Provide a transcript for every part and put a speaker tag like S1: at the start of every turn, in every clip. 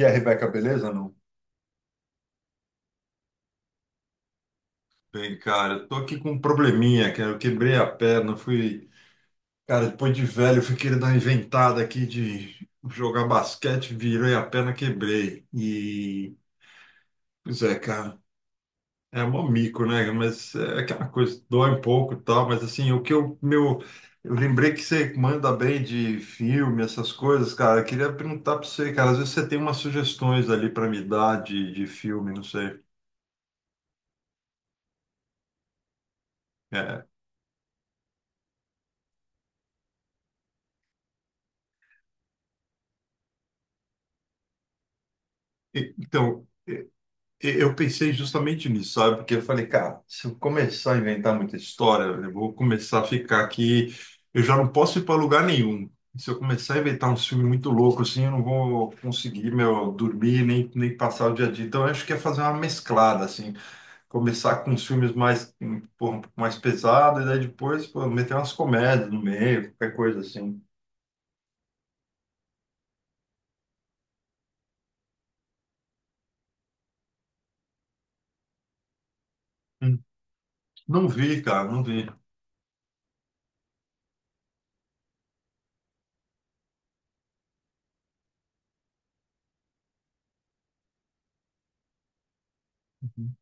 S1: E a Rebeca, beleza? Não. Bem, cara, eu tô aqui com um probleminha, cara. Eu quebrei a perna, fui. Cara, depois de velho, eu fui querer dar uma inventada aqui de jogar basquete, virei a perna, quebrei. E. Pois é, cara. É mó mico, né? Mas é aquela coisa, dói um pouco e tal, mas assim, o que eu. Meu. Eu lembrei que você manda bem de filme, essas coisas, cara. Eu queria perguntar pra você, cara. Às vezes você tem umas sugestões ali pra me dar de filme, não sei. É. Então. Eu pensei justamente nisso, sabe? Porque eu falei, cara, se eu começar a inventar muita história, eu vou começar a ficar aqui. Eu já não posso ir para lugar nenhum. Se eu começar a inventar um filme muito louco, assim, eu não vou conseguir, meu, dormir nem passar o dia a dia. Então, eu acho que é fazer uma mesclada, assim. Começar com os filmes mais, pô, um pouco mais pesados, e daí depois, pô, meter umas comédias no meio, qualquer coisa assim. Hum. Não vi, cara, não vi. Uhum.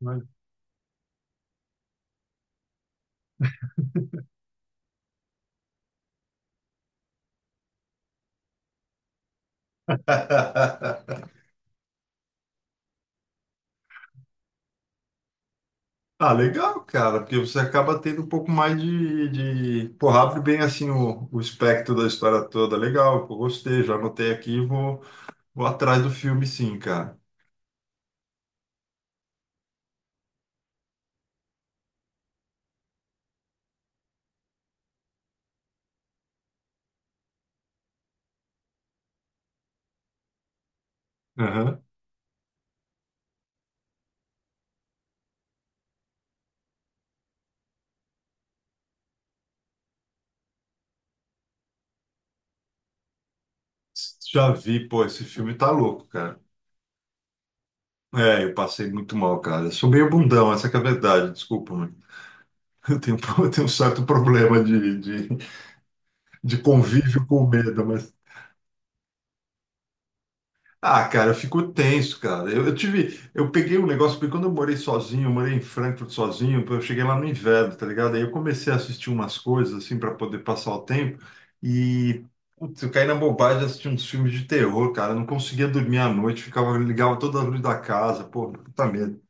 S1: Mas- Ah, legal, cara, porque você acaba tendo um pouco mais de... Pô, abre bem assim o espectro da história toda. Legal, eu gostei, já anotei aqui e vou, vou atrás do filme sim, cara. Aham. Já vi, pô, esse filme tá louco, cara. É, eu passei muito mal, cara. Eu sou meio bundão, essa que é a verdade, desculpa, mano. Eu tenho, eu tenho um certo problema de convívio com o medo, mas Ah, cara, eu fico tenso, cara. Eu tive, eu peguei um negócio, porque quando eu morei sozinho, eu morei em Frankfurt sozinho, eu cheguei lá no inverno, tá ligado? Aí eu comecei a assistir umas coisas, assim, para poder passar o tempo, e, putz, eu caí na bobagem de assistir uns filmes de terror, cara. Eu não conseguia dormir à noite, ficava, ligava toda a luz da casa, pô, puta medo.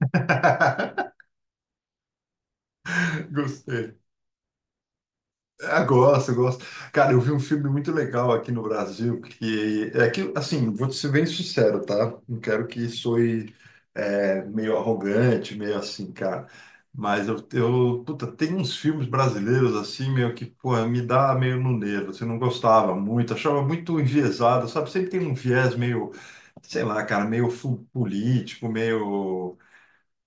S1: Gostei. Ah, gosto, gosto. Cara, eu vi um filme muito legal aqui no Brasil, que é que, assim, vou te ser bem sincero, tá? Não quero que soe meio arrogante, meio assim, cara. Mas eu puta, tem uns filmes brasileiros assim, meio que, pô, me dá meio no nervo. Você não gostava muito, achava muito enviesado, sabe? Sempre tem um viés meio, sei lá, cara, meio político, meio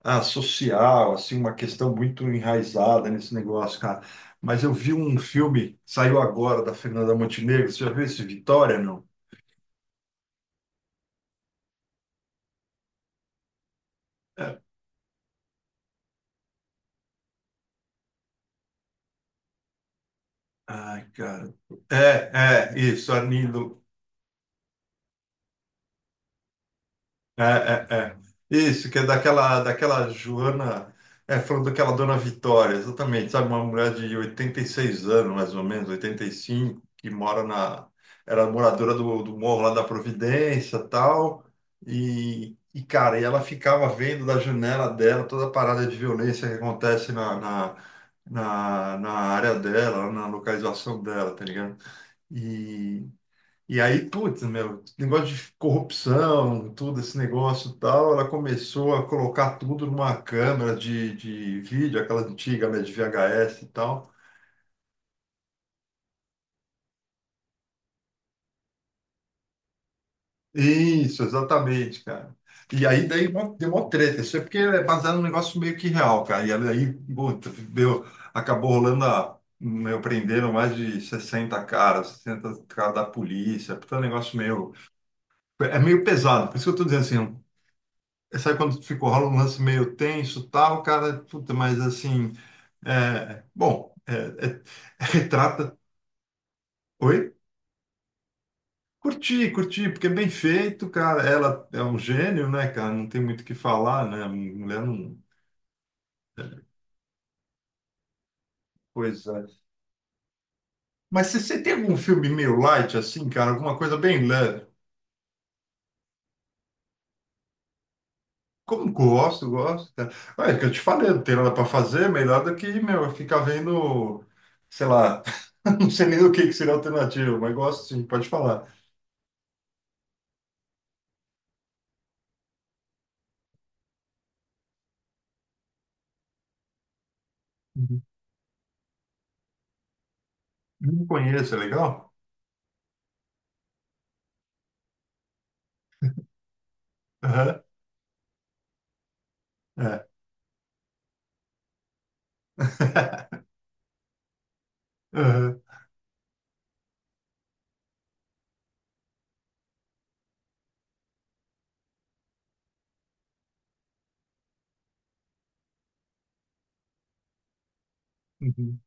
S1: social, assim, uma questão muito enraizada nesse negócio, cara. Mas eu vi um filme, saiu agora, da Fernanda Montenegro. Você já viu esse Vitória, não? É. Ai, cara. Isso, a É, é, é. Isso, que é daquela Joana, é, falando daquela Dona Vitória, exatamente, sabe? Uma mulher de 86 anos, mais ou menos, 85, que mora na... Era moradora do morro lá da Providência, tal, cara, e ela ficava vendo da janela dela toda a parada de violência que acontece na área dela, na localização dela, tá ligado? E, e aí, putz, meu, negócio de corrupção, tudo esse negócio e tal, ela começou a colocar tudo numa câmera de vídeo, aquela antiga, né, de VHS e tal. Isso, exatamente, cara. E aí daí mó- deu uma treta, isso é porque é baseado num negócio meio que real, cara. E aí, puta, deu, acabou rolando a, meu, prenderam mais de 60 caras, 60 caras da polícia, puta, é um negócio meio, é meio pesado. Por isso que eu tô dizendo assim, Sabe quando ficou rola um lance meio tenso, tal, cara, puta, mas assim, é, bom, é, é- retrata. Oi? Curti, curti, porque é bem feito, cara. Ela é um gênio, né, cara? Não tem muito o que falar, né? Mulher não. Pois é. Mas você tem algum filme meio light, assim, cara? Alguma coisa bem leve? Como gosto, gosto, cara. Olha, é que eu te falei, não tem nada pra fazer, melhor do que, meu, ficar vendo, sei lá, não sei nem o que que seria a alternativa, mas gosto sim, pode falar. Não conheço, é legal? Aham, é. Aham, uhum.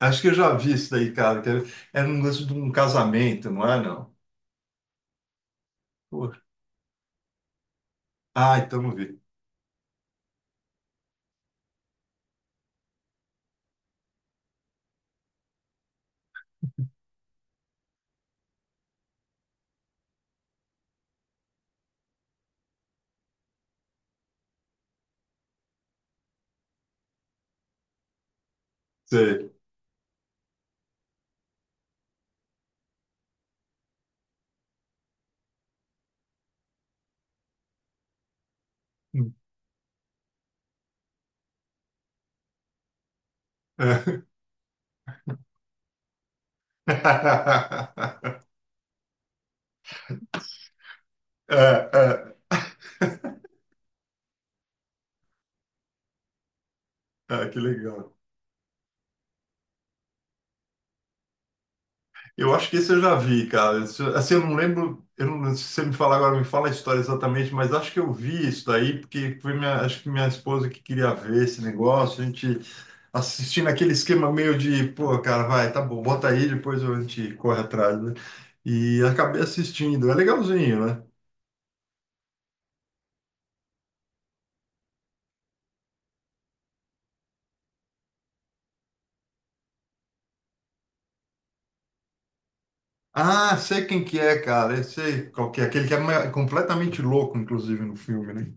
S1: Acho que eu já vi isso daí, cara. Que era era um lance de um casamento, não é, não? Poxa. Ah, então não vi. Sei. Hum. É. É, é, é, que legal. Eu acho que esse eu já vi, cara. Isso- Assim, eu não, lembro se você me falar agora, me fala a história exatamente, mas acho que eu vi isso daí, porque foi minha, acho que minha esposa que queria ver esse negócio. A gente assistindo aquele esquema meio de, pô, cara, vai, tá bom, bota aí, depois a gente corre atrás, né? E acabei assistindo, é legalzinho, né? Ah, sei quem que é, cara, eu sei qual que é, aquele que é completamente louco, inclusive, no filme, né?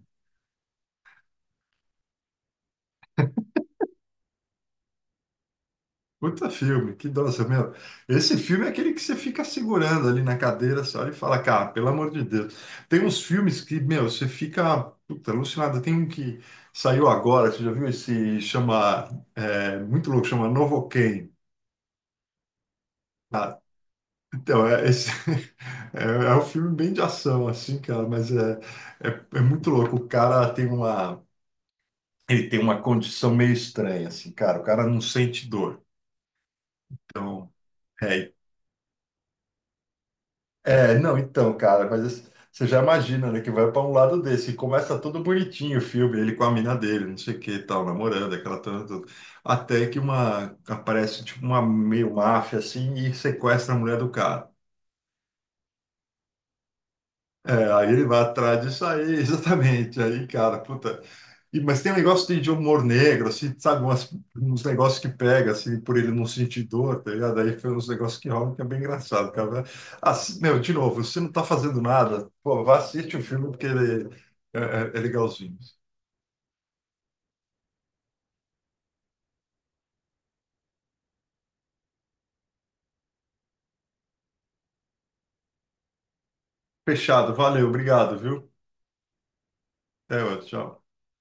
S1: Puta filme, que nossa, meu. Esse filme é aquele que você fica segurando ali na cadeira, você olha e fala, cara, pelo amor de Deus. Tem uns filmes que, meu, você fica, puta, alucinado. Tem um que saiu agora, você já viu esse, chama, é, muito louco, chama Novocaine. Ah, então, é esse, é um filme bem de ação, assim, cara, mas é, é, é muito louco. O cara tem uma, ele tem uma condição meio estranha, assim, cara. O cara não sente dor. Então, é, é, não, então, cara, mas esse- você já imagina, né, que vai para um lado desse. E começa todo bonitinho o filme, ele com a mina dele, não sei o que e tal, namorando, aquela toda, toda. Até que uma, aparece, tipo, uma meio máfia, assim, e sequestra a mulher do cara. É, aí ele vai atrás disso aí, exatamente. Aí, cara, puta. E, mas tem um negócio de humor negro, assim, sabe? Umas, uns negócios que pega, assim, por ele não sentir dor, tá ligado? Aí foi uns negócios que rolam que é bem engraçado, cara. Assim, meu, de novo, você não tá fazendo nada, pô, vá assistir o filme porque ele é, é- é legalzinho. Fechado, valeu, obrigado, viu? Até outro, tchau.